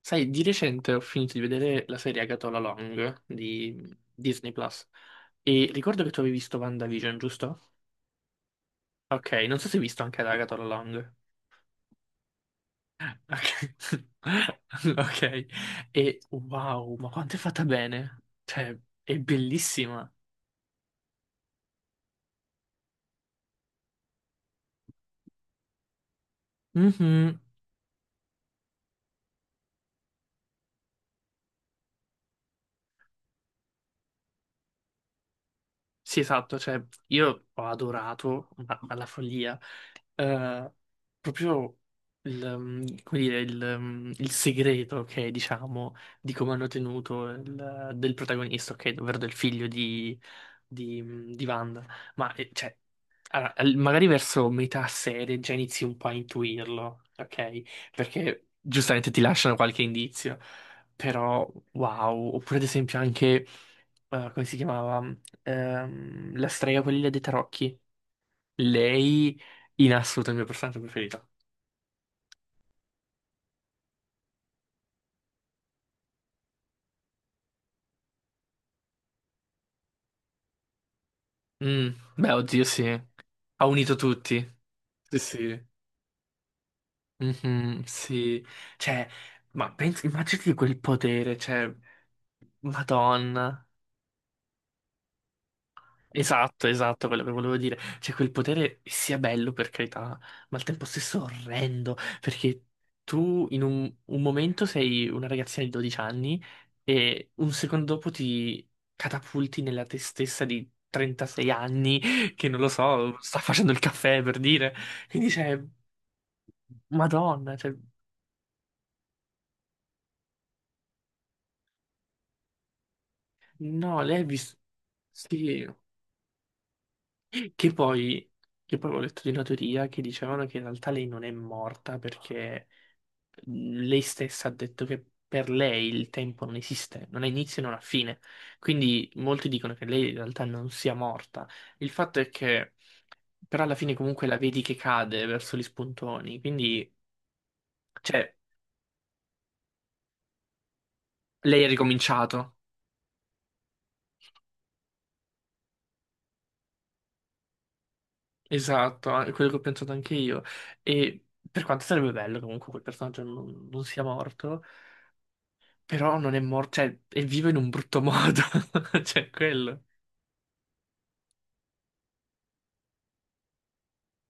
Sai, di recente ho finito di vedere la serie Agatola Long di Disney Plus e ricordo che tu avevi visto WandaVision, giusto? Ok, non so se hai visto anche Agatola Long. Ok. Ok. E wow, ma quanto è fatta bene! Cioè, è bellissima. Mhm. Sì, esatto, cioè io ho adorato alla follia eh, proprio come dire, il segreto che diciamo di come hanno tenuto del protagonista, ok, ovvero del figlio di, di Wanda, ma cioè allora, magari verso metà serie già inizi un po' a intuirlo, ok? Perché giustamente ti lasciano qualche indizio, però wow, oppure ad esempio anche, come si chiamava? La strega quella dei tarocchi. Lei, in assoluto, è il mio personaggio preferito. Mm, beh, oddio, sì. Ha unito tutti. Sì, sì. Mhm, sì. Cioè, ma pensi, immaginati quel potere, cioè, Madonna. Esatto, esatto, quello che volevo dire. Cioè, quel potere sia bello, per carità, ma al tempo stesso orrendo, perché tu in un momento sei una ragazzina di 12 anni e un secondo dopo ti catapulti nella te stessa di 36 anni che, non lo so, sta facendo il caffè, per dire. Quindi, cioè, Madonna, cioè, no, lei ha visto... Sì, che poi... Che poi ho letto di una teoria che dicevano che in realtà lei non è morta perché lei stessa ha detto che per lei il tempo non esiste, non ha inizio e non ha fine. Quindi molti dicono che lei in realtà non sia morta. Il fatto è che, però alla fine comunque la vedi che cade verso gli spuntoni, quindi, cioè, lei ha ricominciato. Esatto, è quello che ho pensato anche io. E per quanto sarebbe bello comunque quel personaggio non sia morto, però non è morto, cioè, è vivo in un brutto modo. Cioè, quello.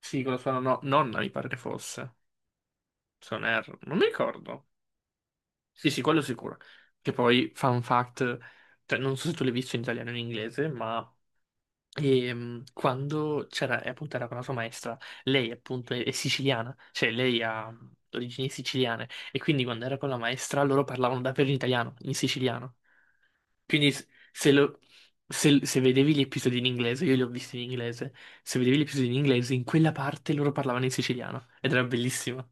Sì, con la sua nonna mi pare che fosse. Son Air, non mi ricordo. Sì, sì, quello sicuro. Che poi, fun fact, cioè, non so se tu l'hai visto in italiano o in inglese, ma quando c'era, e appunto era con la sua maestra, lei appunto è siciliana, cioè lei ha origini siciliane, e quindi quando era con la maestra loro parlavano davvero in italiano, in siciliano. Quindi s- se, lo- se- se vedevi gli episodi in inglese, io li ho visti in inglese, se vedevi gli episodi in inglese, in quella parte loro parlavano in siciliano, ed era bellissimo.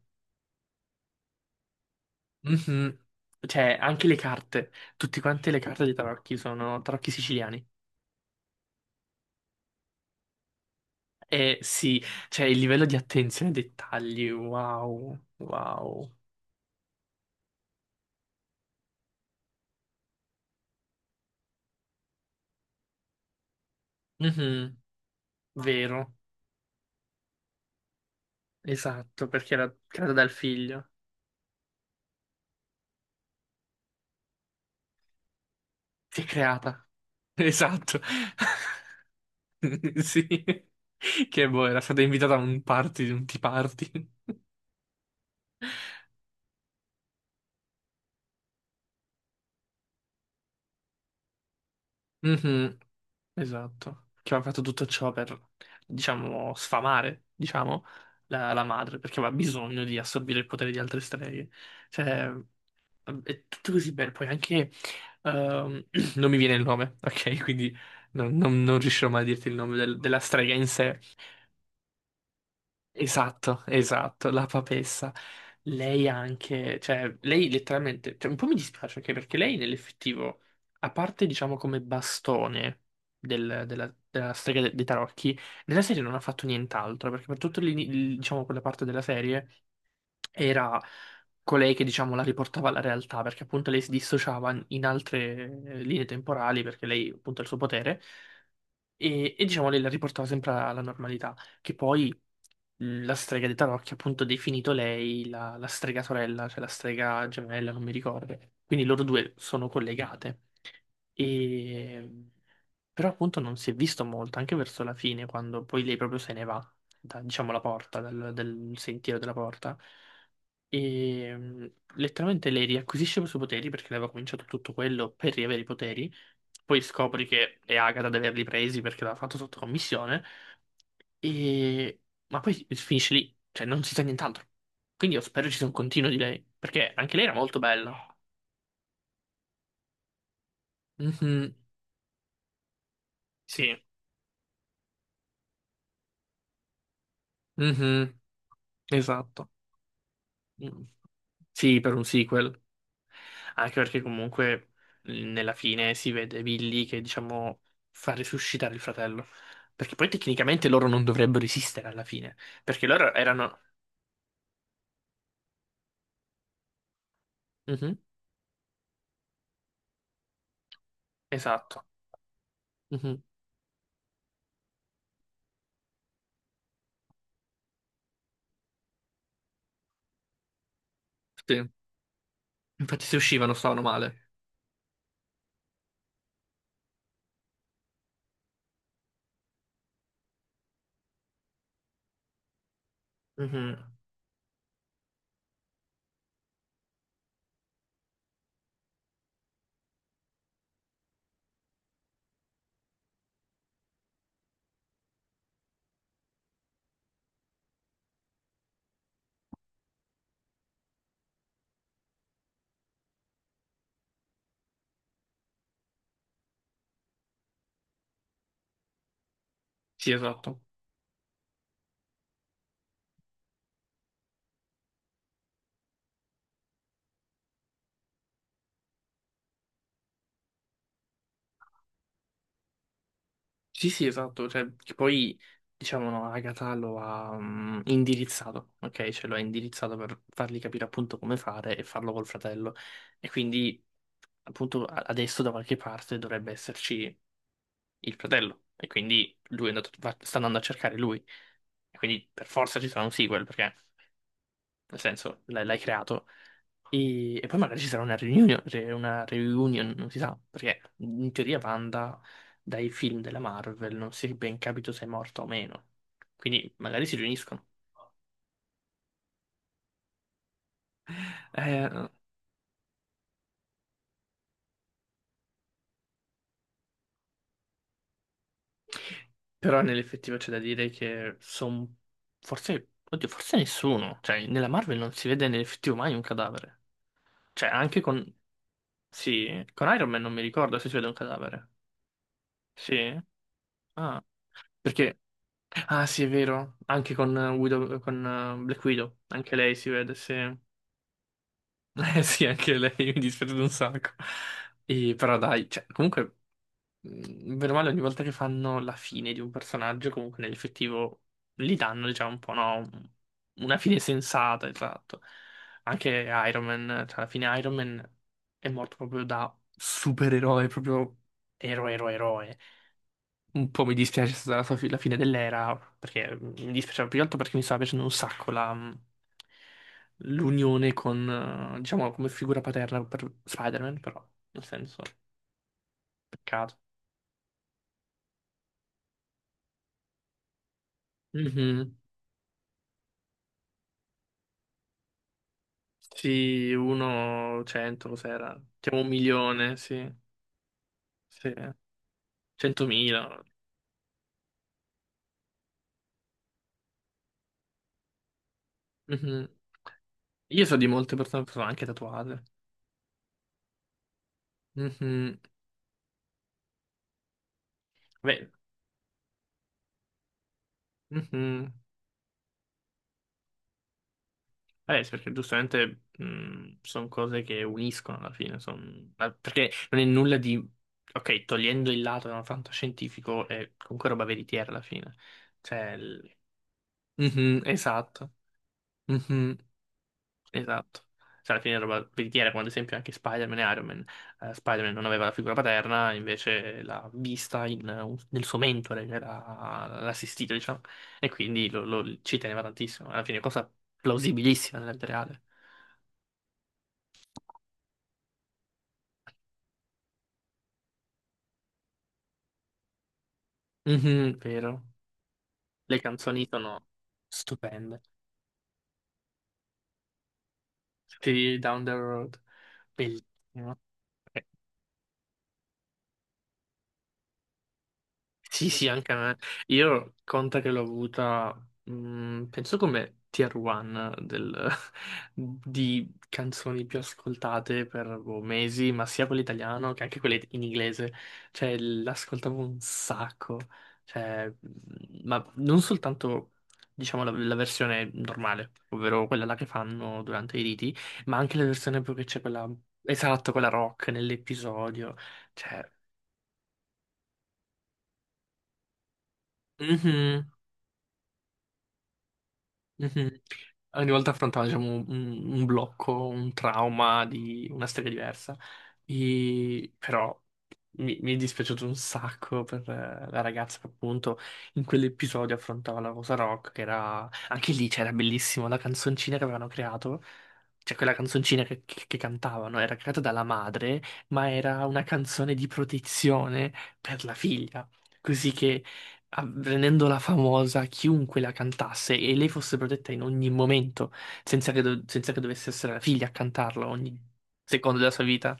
Mhm. Cioè, anche le carte, tutte quante le carte di tarocchi sono tarocchi siciliani. E sì, cioè il livello di attenzione ai dettagli, wow, wow. Mhm, vero, esatto, perché era creata dal figlio. Si è creata, esatto. Sì, che boh, era stata invitata a un party, un tea party. Mhm. Esatto, che aveva fatto tutto ciò per, diciamo, sfamare, diciamo, la madre, perché aveva bisogno di assorbire il potere di altre streghe. Cioè, mm, è tutto così bello. Poi anche, ehm, non mi viene il nome, ok? Quindi non riuscirò mai a dirti il nome della strega in sé. Esatto, esatto, la papessa. Lei anche, cioè, lei letteralmente, cioè, un po' mi dispiace anche perché lei nell'effettivo, a parte diciamo come bastone della strega dei tarocchi, nella serie non ha fatto nient'altro, perché per tutta diciamo, quella parte della serie era colei che diciamo la riportava alla realtà, perché appunto lei si dissociava in altre linee temporali, perché lei appunto ha il suo potere, diciamo lei la riportava sempre alla normalità, che poi la strega di Tarocchi ha appunto definito lei la strega sorella, cioè la strega gemella, non mi ricordo. Quindi loro due sono collegate. E... Però appunto non si è visto molto, anche verso la fine, quando poi lei proprio se ne va da, diciamo, la porta, del sentiero della porta. E letteralmente lei riacquisisce i suoi poteri perché lei aveva cominciato tutto quello per riavere i poteri. Poi scopri che è Agatha ad averli presi perché l'ha fatto sotto commissione. E... Ma poi finisce lì, cioè non si sa nient'altro. Quindi io spero ci sia un continuo di lei, perché anche lei era molto bella. Mhm. Sì. Mhm. Esatto. Mm. Sì, per un sequel. Anche perché comunque nella fine si vede Billy che, diciamo, fa risuscitare il fratello. Perché poi tecnicamente loro non dovrebbero esistere alla fine. Perché loro erano... Mhm. Esatto. Mhm. Sì. Infatti se uscivano stavano male. Mhm. Sì, esatto. Sì, sì, esatto. Cioè, che poi, diciamo, no, Agatha lo ha indirizzato, ok? Cioè lo ha indirizzato per fargli capire appunto come fare e farlo col fratello. E quindi appunto adesso da qualche parte dovrebbe esserci il fratello e quindi lui è andato, sta andando a cercare lui e quindi per forza ci sarà un sequel perché nel senso l'hai creato poi magari ci sarà una reunion, una reunion, non si sa perché in teoria Wanda dai film della Marvel non si è ben capito se è morta o meno quindi magari si riuniscono. Eh, però nell'effettivo c'è da dire che sono forse, oddio, forse nessuno, cioè nella Marvel non si vede nell'effettivo mai un cadavere, cioè anche con... Sì, con Iron Man non mi ricordo se si vede un cadavere. Sì? Ah, perché... Ah, sì, è vero. Anche con, Black Widow. Anche lei si vede, sì. Eh sì, anche lei mi dispiace un sacco. E, però dai, cioè, comunque bene o male, ogni volta che fanno la fine di un personaggio, comunque nell'effettivo gli danno, diciamo, un po', no? un- Una fine sensata, esatto. Anche Iron Man, cioè alla fine Iron Man è morto proprio da supereroe, proprio eroe, eroe, eroe. Un po' mi dispiace stata la fine dell'era, perché mi dispiaceva più che altro perché mi stava piacendo un sacco la... l'unione con, diciamo, come figura paterna per Spider-Man, però, nel senso, peccato. Mhm. Sì, uno, cento, cos'era? Siamo un milione, sì. Sì, centomila. Mhm. Io so di molte persone che sono anche tatuate. Mhm. Beh, mhm. Sì, perché giustamente sono cose che uniscono alla fine. Son- ma Perché non è nulla di... Ok, togliendo il lato da fantascientifico, è comunque roba veritiera alla fine. Cioè... il- Mhm, esatto. Mhm. Esatto. Cioè, alla fine è roba veritiera, come ad esempio anche Spider-Man e Iron Man. Spider-Man non aveva la figura paterna, invece l'ha vista in, nel suo mentore, che era l'assistito, diciamo, e quindi ci teneva tantissimo. Alla fine è cosa plausibilissima nella vita reale. Mhm, vero. Le canzoni sono stupende. Sì, Down the Road, bellissimo. Eh, Sì, sì, anche a me. Io conta che l'ho avuta, penso come tier 1 di canzoni più ascoltate per boh, mesi, ma sia quelle italiano che anche quelle in inglese. Cioè, l'ascoltavo un sacco. Cioè, ma non soltanto, diciamo, la versione normale, ovvero quella là che fanno durante i riti, ma anche la versione proprio che c'è quella... Esatto, quella rock nell'episodio. Cioè... mhm. Mhm. Ogni volta affrontava, diciamo, un blocco, un trauma di una storia diversa. E- Però mi è dispiaciuto un sacco per la ragazza che appunto in quell'episodio affrontava la Rosa Rock, che era... Anche lì c'era bellissimo la canzoncina che avevano creato. Cioè, quella canzoncina che cantavano era creata dalla madre, ma era una canzone di protezione per la figlia. Così che rendendola famosa, chiunque la cantasse e lei fosse protetta in ogni momento, senza che, senza che dovesse essere la figlia a cantarla ogni secondo della sua vita.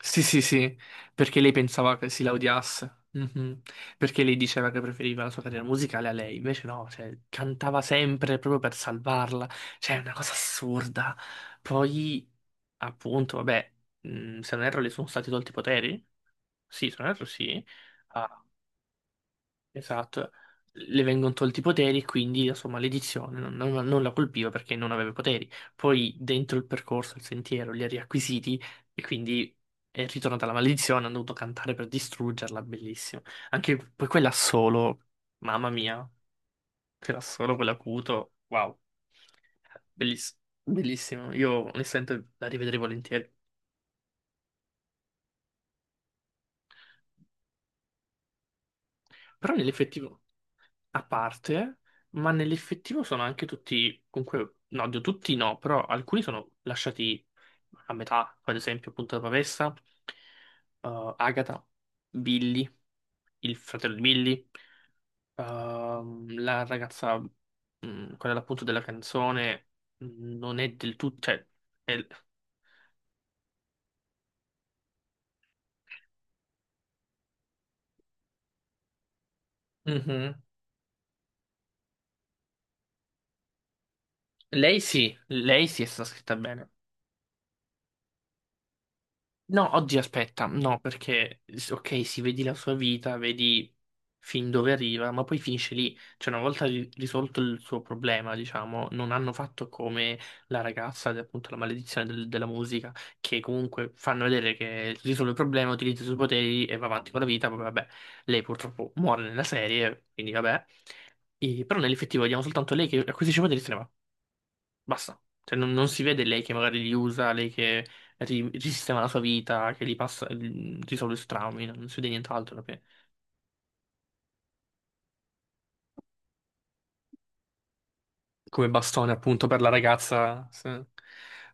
Sì, sì, sì, perché lei pensava che si laureasse. Mhm. Perché lei diceva che preferiva la sua carriera musicale a lei, invece no, cioè, cantava sempre proprio per salvarla, cioè è una cosa assurda. Poi, appunto, vabbè, se non erro le sono stati tolti i poteri? Sì, se non erro sì. Ah, esatto, le vengono tolti i poteri e quindi la sua maledizione non la colpiva perché non aveva poteri. Poi dentro il percorso, il sentiero, li ha riacquisiti e quindi è ritornata la maledizione, hanno dovuto cantare per distruggerla, bellissimo. Anche poi quella solo, mamma mia, quella solo, quell'acuto, wow, belliss- bellissimo. Io onestamente la rivedrei volentieri. Però nell'effettivo, a parte, ma nell'effettivo sono anche tutti, comunque, no, oddio, tutti no, però alcuni sono lasciati a metà, come ad esempio appunto la Pavessa, Agatha, Billy, il fratello di Billy, la ragazza, quella appunto della canzone, mh, non è del tutto, cioè, è- Mhm. Lei sì è stata scritta bene. No, oggi aspetta, no, perché ok, si vedi la sua vita, vedi fin dove arriva, ma poi finisce lì. Cioè, una volta risolto il suo problema, diciamo, non hanno fatto come la ragazza, appunto, la maledizione della musica, che comunque fanno vedere che risolve il problema, utilizza i suoi poteri e va avanti con la vita. Poi, vabbè, lei purtroppo muore nella serie, quindi vabbè. Però nell'effettivo vediamo soltanto lei che acquisisce poteri e se ne va. Basta. Cioè, non si vede lei che magari li usa, lei che risistema la sua vita, che gli passa, risolve i suoi traumi, non si vede nient'altro. Come bastone appunto per la ragazza. Sì.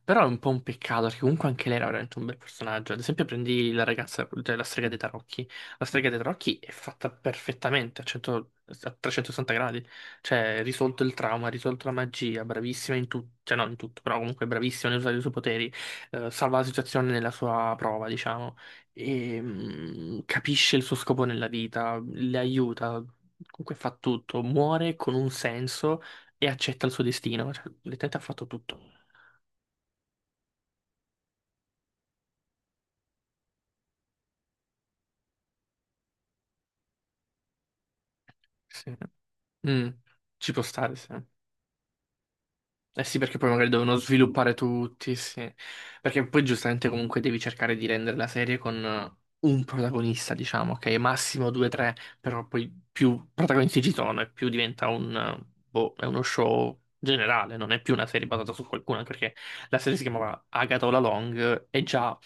Però è un po' un peccato perché comunque anche lei era veramente un bel personaggio. Ad esempio, prendi la ragazza, cioè la strega dei tarocchi. La strega dei tarocchi è fatta perfettamente a 100 a 360 gradi. Cioè, risolto il trauma, risolto la magia, bravissima in tutto, cioè non in tutto, però comunque bravissima nell'usare i suoi poteri, salva la situazione nella sua prova, diciamo, e capisce il suo scopo nella vita, le aiuta. Comunque fa tutto, muore con un senso e accetta il suo destino. Cioè, letteralmente ha fatto tutto. Sì. Mm. Ci può stare, sì. Eh sì, perché poi magari devono sviluppare tutti, sì. Perché poi giustamente comunque devi cercare di rendere la serie con un protagonista, diciamo, ok? Massimo due, tre, però poi più protagonisti ci sono e più diventa un... boh, è uno show generale, non è più una serie basata su qualcuno, anche perché la serie si chiamava Agatha All Along e già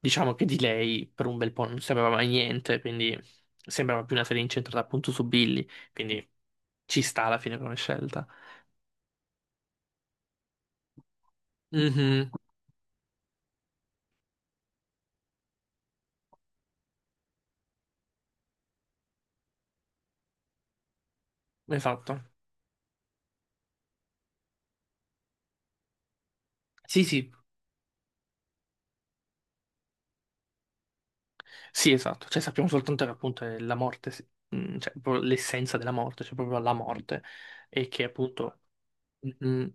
diciamo che di lei per un bel po' non sapeva mai niente, quindi sembrava più una serie incentrata appunto su Billy, quindi ci sta alla fine come scelta. Mhm. Esatto. Sì, sì, sì, esatto. Cioè, sappiamo soltanto che appunto è la morte, sì. Mm, cioè proprio l'essenza della morte, cioè proprio la morte, e che appunto mm, mm,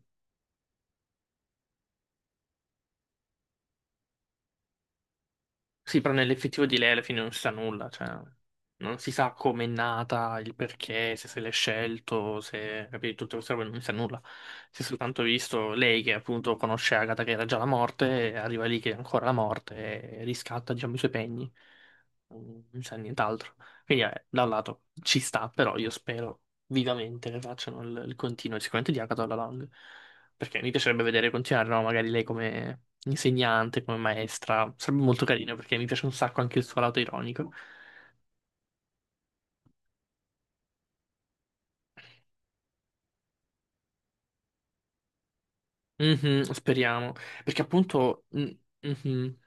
sì, però nell'effettivo di lei alla fine non si sa nulla, cioè non si sa come è nata, il perché, se se l'è scelto, se capito, tutte queste robe non si sa nulla. Si è soltanto visto lei che appunto conosce Agatha che era già la morte, e arriva lì che è ancora la morte e riscatta, diciamo, i suoi pegni. Non si sa nient'altro. Quindi da un lato ci sta, però io spero vivamente che facciano il continuo, e sicuramente di Agatha alla Lang. Perché mi piacerebbe vedere continuare, no? Magari lei come insegnante, come maestra. Sarebbe molto carino perché mi piace un sacco anche il suo lato ironico. Mhm, speriamo. Perché appunto. Mm. Mhm.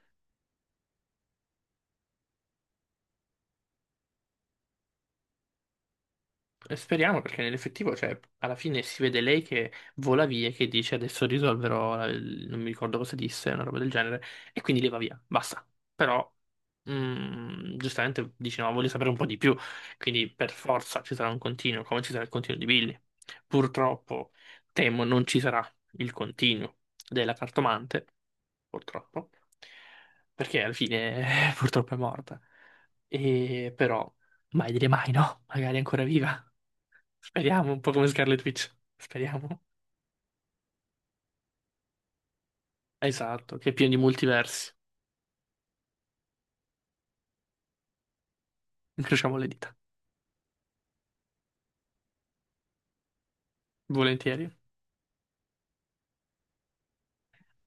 E speriamo perché nell'effettivo, cioè, alla fine si vede lei che vola via e che dice adesso risolverò, non mi ricordo cosa disse, una roba del genere, e quindi lei va via, basta. Però, giustamente dice no, voglio sapere un po' di più, quindi per forza ci sarà un continuo, come ci sarà il continuo di Billy. Purtroppo, temo, non ci sarà il continuo della cartomante, purtroppo, perché alla fine purtroppo è morta. E però, mai dire mai, no? Magari è ancora viva. Speriamo, un po' come Scarlet Witch. Speriamo. Esatto, che è pieno di multiversi. Incrociamo le dita. Volentieri.